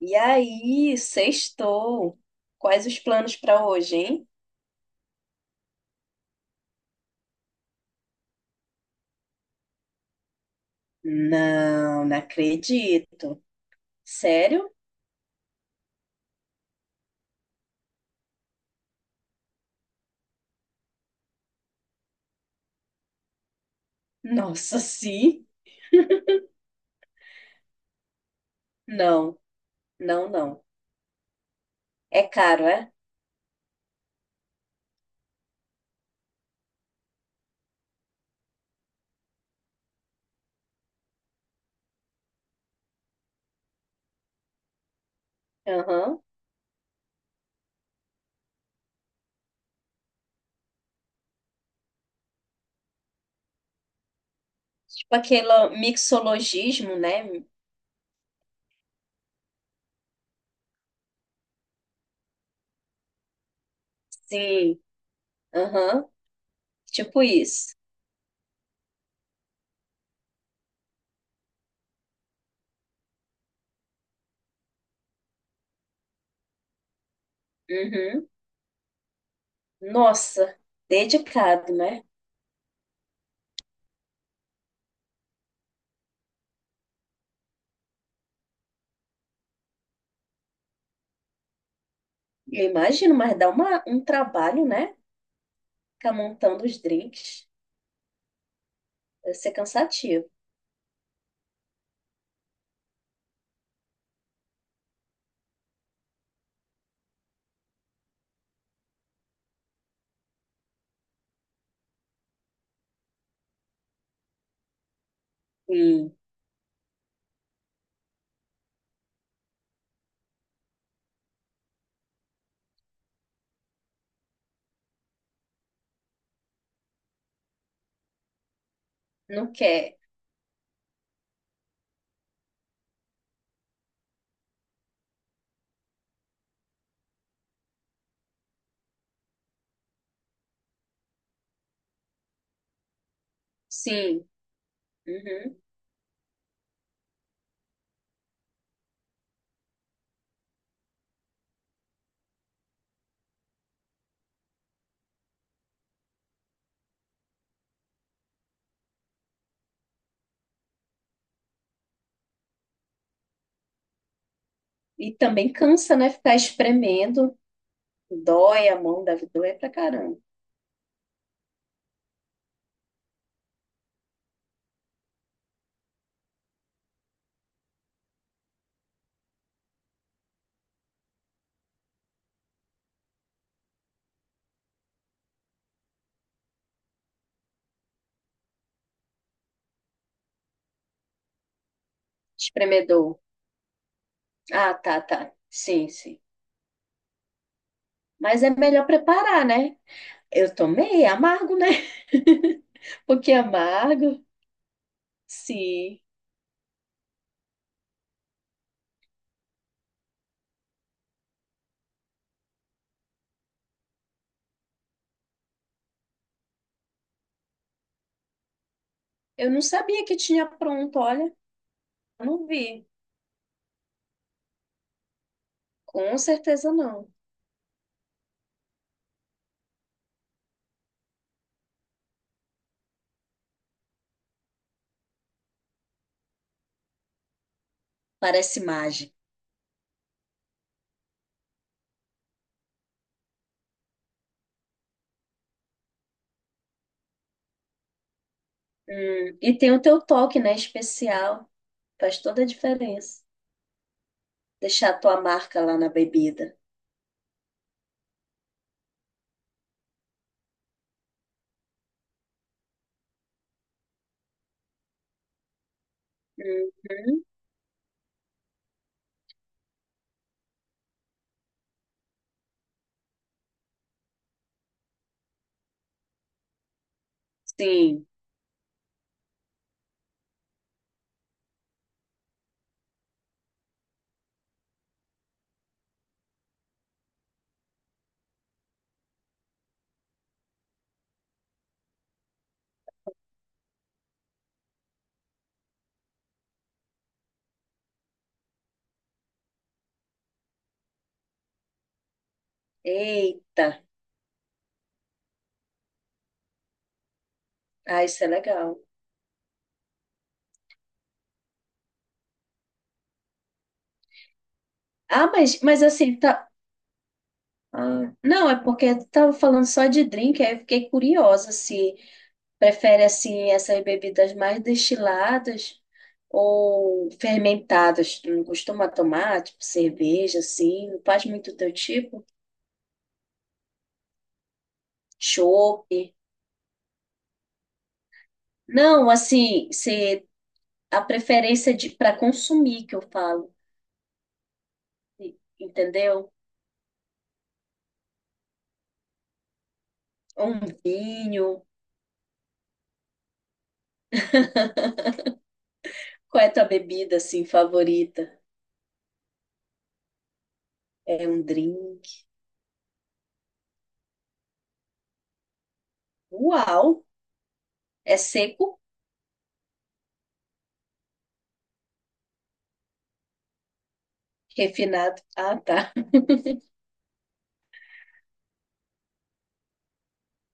E aí, sextou. Quais os planos para hoje, hein? Não, não acredito. Sério? Nossa, sim? Não, não, não. É caro, é? Aham. Tipo aquele mixologismo, né? Sim, aham. Tipo isso. Uhum. Nossa, dedicado, né? Eu imagino, mas dá um trabalho, né? Ficar montando os drinks. Deve ser cansativo. Sim, não quer. Sim. Uhum. E também cansa, né? Ficar espremendo. Dói a mão, deve doer pra caramba. Espremedor. Ah, tá, tá. Sim, sim. Mas é melhor preparar, né? Eu tomei, é amargo, né? Porque é amargo. Sim. Eu não sabia que tinha pronto, olha. Não vi. Com certeza não. Parece mágica. E tem o teu toque, né? Especial. Faz toda a diferença. Deixar a tua marca lá na bebida. Uhum. Sim. Eita. Ah, isso é legal. Ah, mas assim, tá. Ah, não, é porque tu tava falando só de drink, aí eu fiquei curiosa se prefere assim essas bebidas mais destiladas ou fermentadas. Tu não costuma tomar, tipo cerveja, assim, não faz muito teu tipo? Chope. Não, assim, se a preferência de para consumir que eu falo, entendeu? Um vinho. Qual é a tua bebida assim favorita? É um drink. Uau! É seco, refinado. Ah, tá.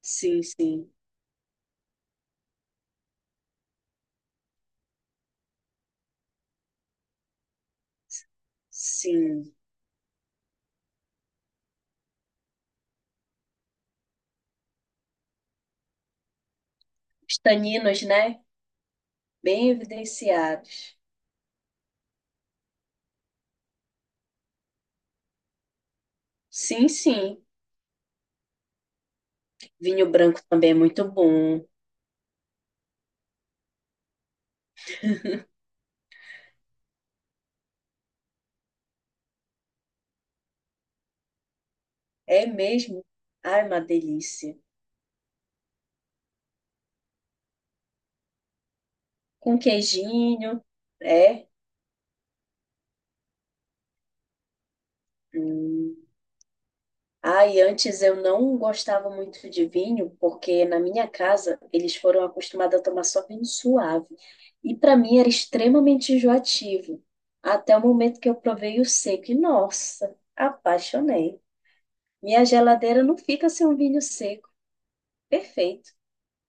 Sim, sim. Os taninos, né? Bem evidenciados. Sim, sim. Vinho branco também é muito bom. É mesmo? Ai, uma delícia. Com queijinho, é? Hum. Ah, e antes eu não gostava muito de vinho, porque na minha casa eles foram acostumados a tomar só vinho suave. E para mim era extremamente enjoativo, até o momento que eu provei o seco. E nossa, apaixonei. Minha geladeira não fica sem um vinho seco. Perfeito,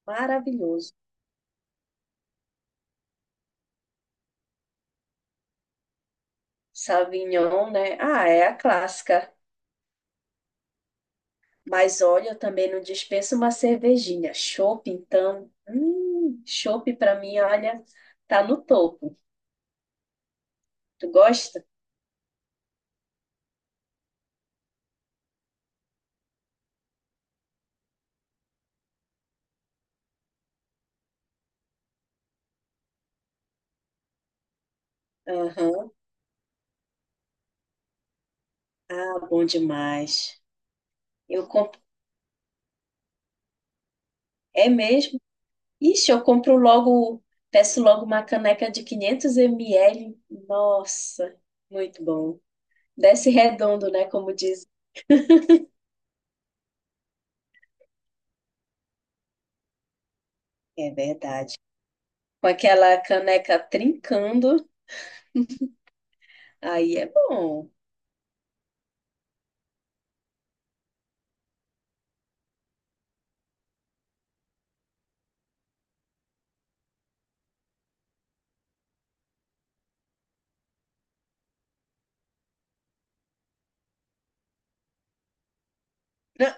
maravilhoso. Sauvignon, né? Ah, é a clássica. Mas olha, eu também não dispenso uma cervejinha. Chopp, então. Chopp para mim, olha, tá no topo. Tu gosta? Aham. Ah, bom demais. Eu compro. É mesmo? Ixi, eu compro logo, peço logo uma caneca de 500 ml. Nossa, muito bom. Desce redondo, né? Como diz. É verdade. Com aquela caneca trincando, aí é bom. Não,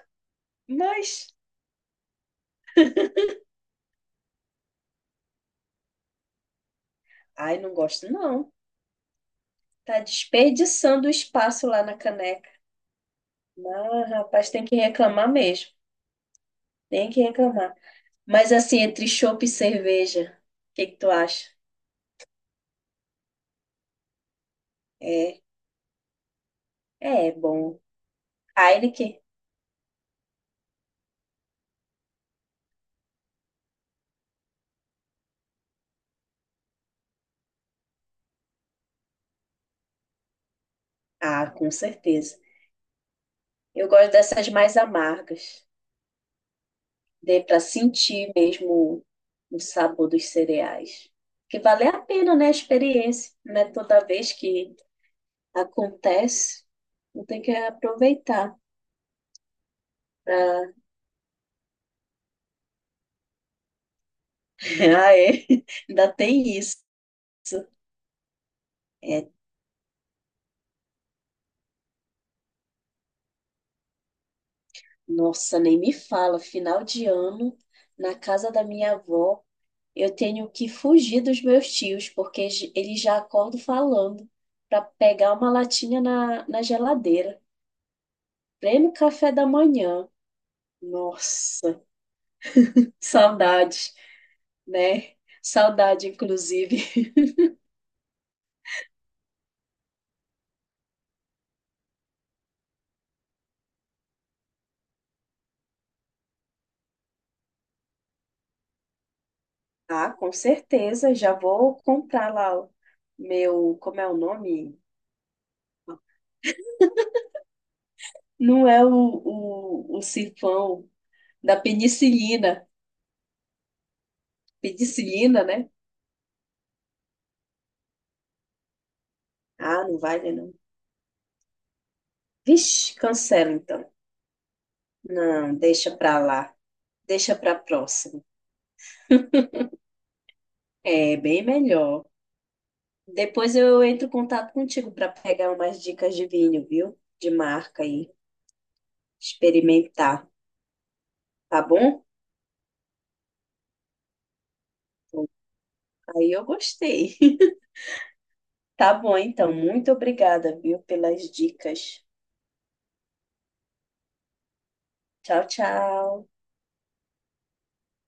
mas, ai, não gosto não. Tá desperdiçando o espaço lá na caneca. Mas, rapaz, tem que reclamar mesmo. Tem que reclamar. Mas assim, entre chopp e cerveja, o que que tu acha? É, é bom. Heineken? Ah, com certeza. Eu gosto dessas mais amargas. Dê para sentir mesmo o sabor dos cereais. Que vale a pena, né, a experiência. Não é toda vez que acontece. Não tem que aproveitar. pra- Ah, é. Ainda tem isso. É, nossa, nem me fala. Final de ano, na casa da minha avó, eu tenho que fugir dos meus tios, porque eles já acordam falando para pegar uma latinha na geladeira. Prêmio café da manhã. Nossa, saudades, né? Saudade, inclusive. Ah, com certeza, já vou comprar lá o meu. Como é o nome? Não é o sifão da penicilina. Penicilina, né? Ah, não vale não. Vixe, cancela então. Não, deixa pra lá. Deixa para próxima. É bem melhor. Depois eu entro em contato contigo para pegar umas dicas de vinho, viu? De marca aí, experimentar, tá bom? Aí eu gostei. Tá bom, então. Muito obrigada, viu, pelas dicas. Tchau, tchau.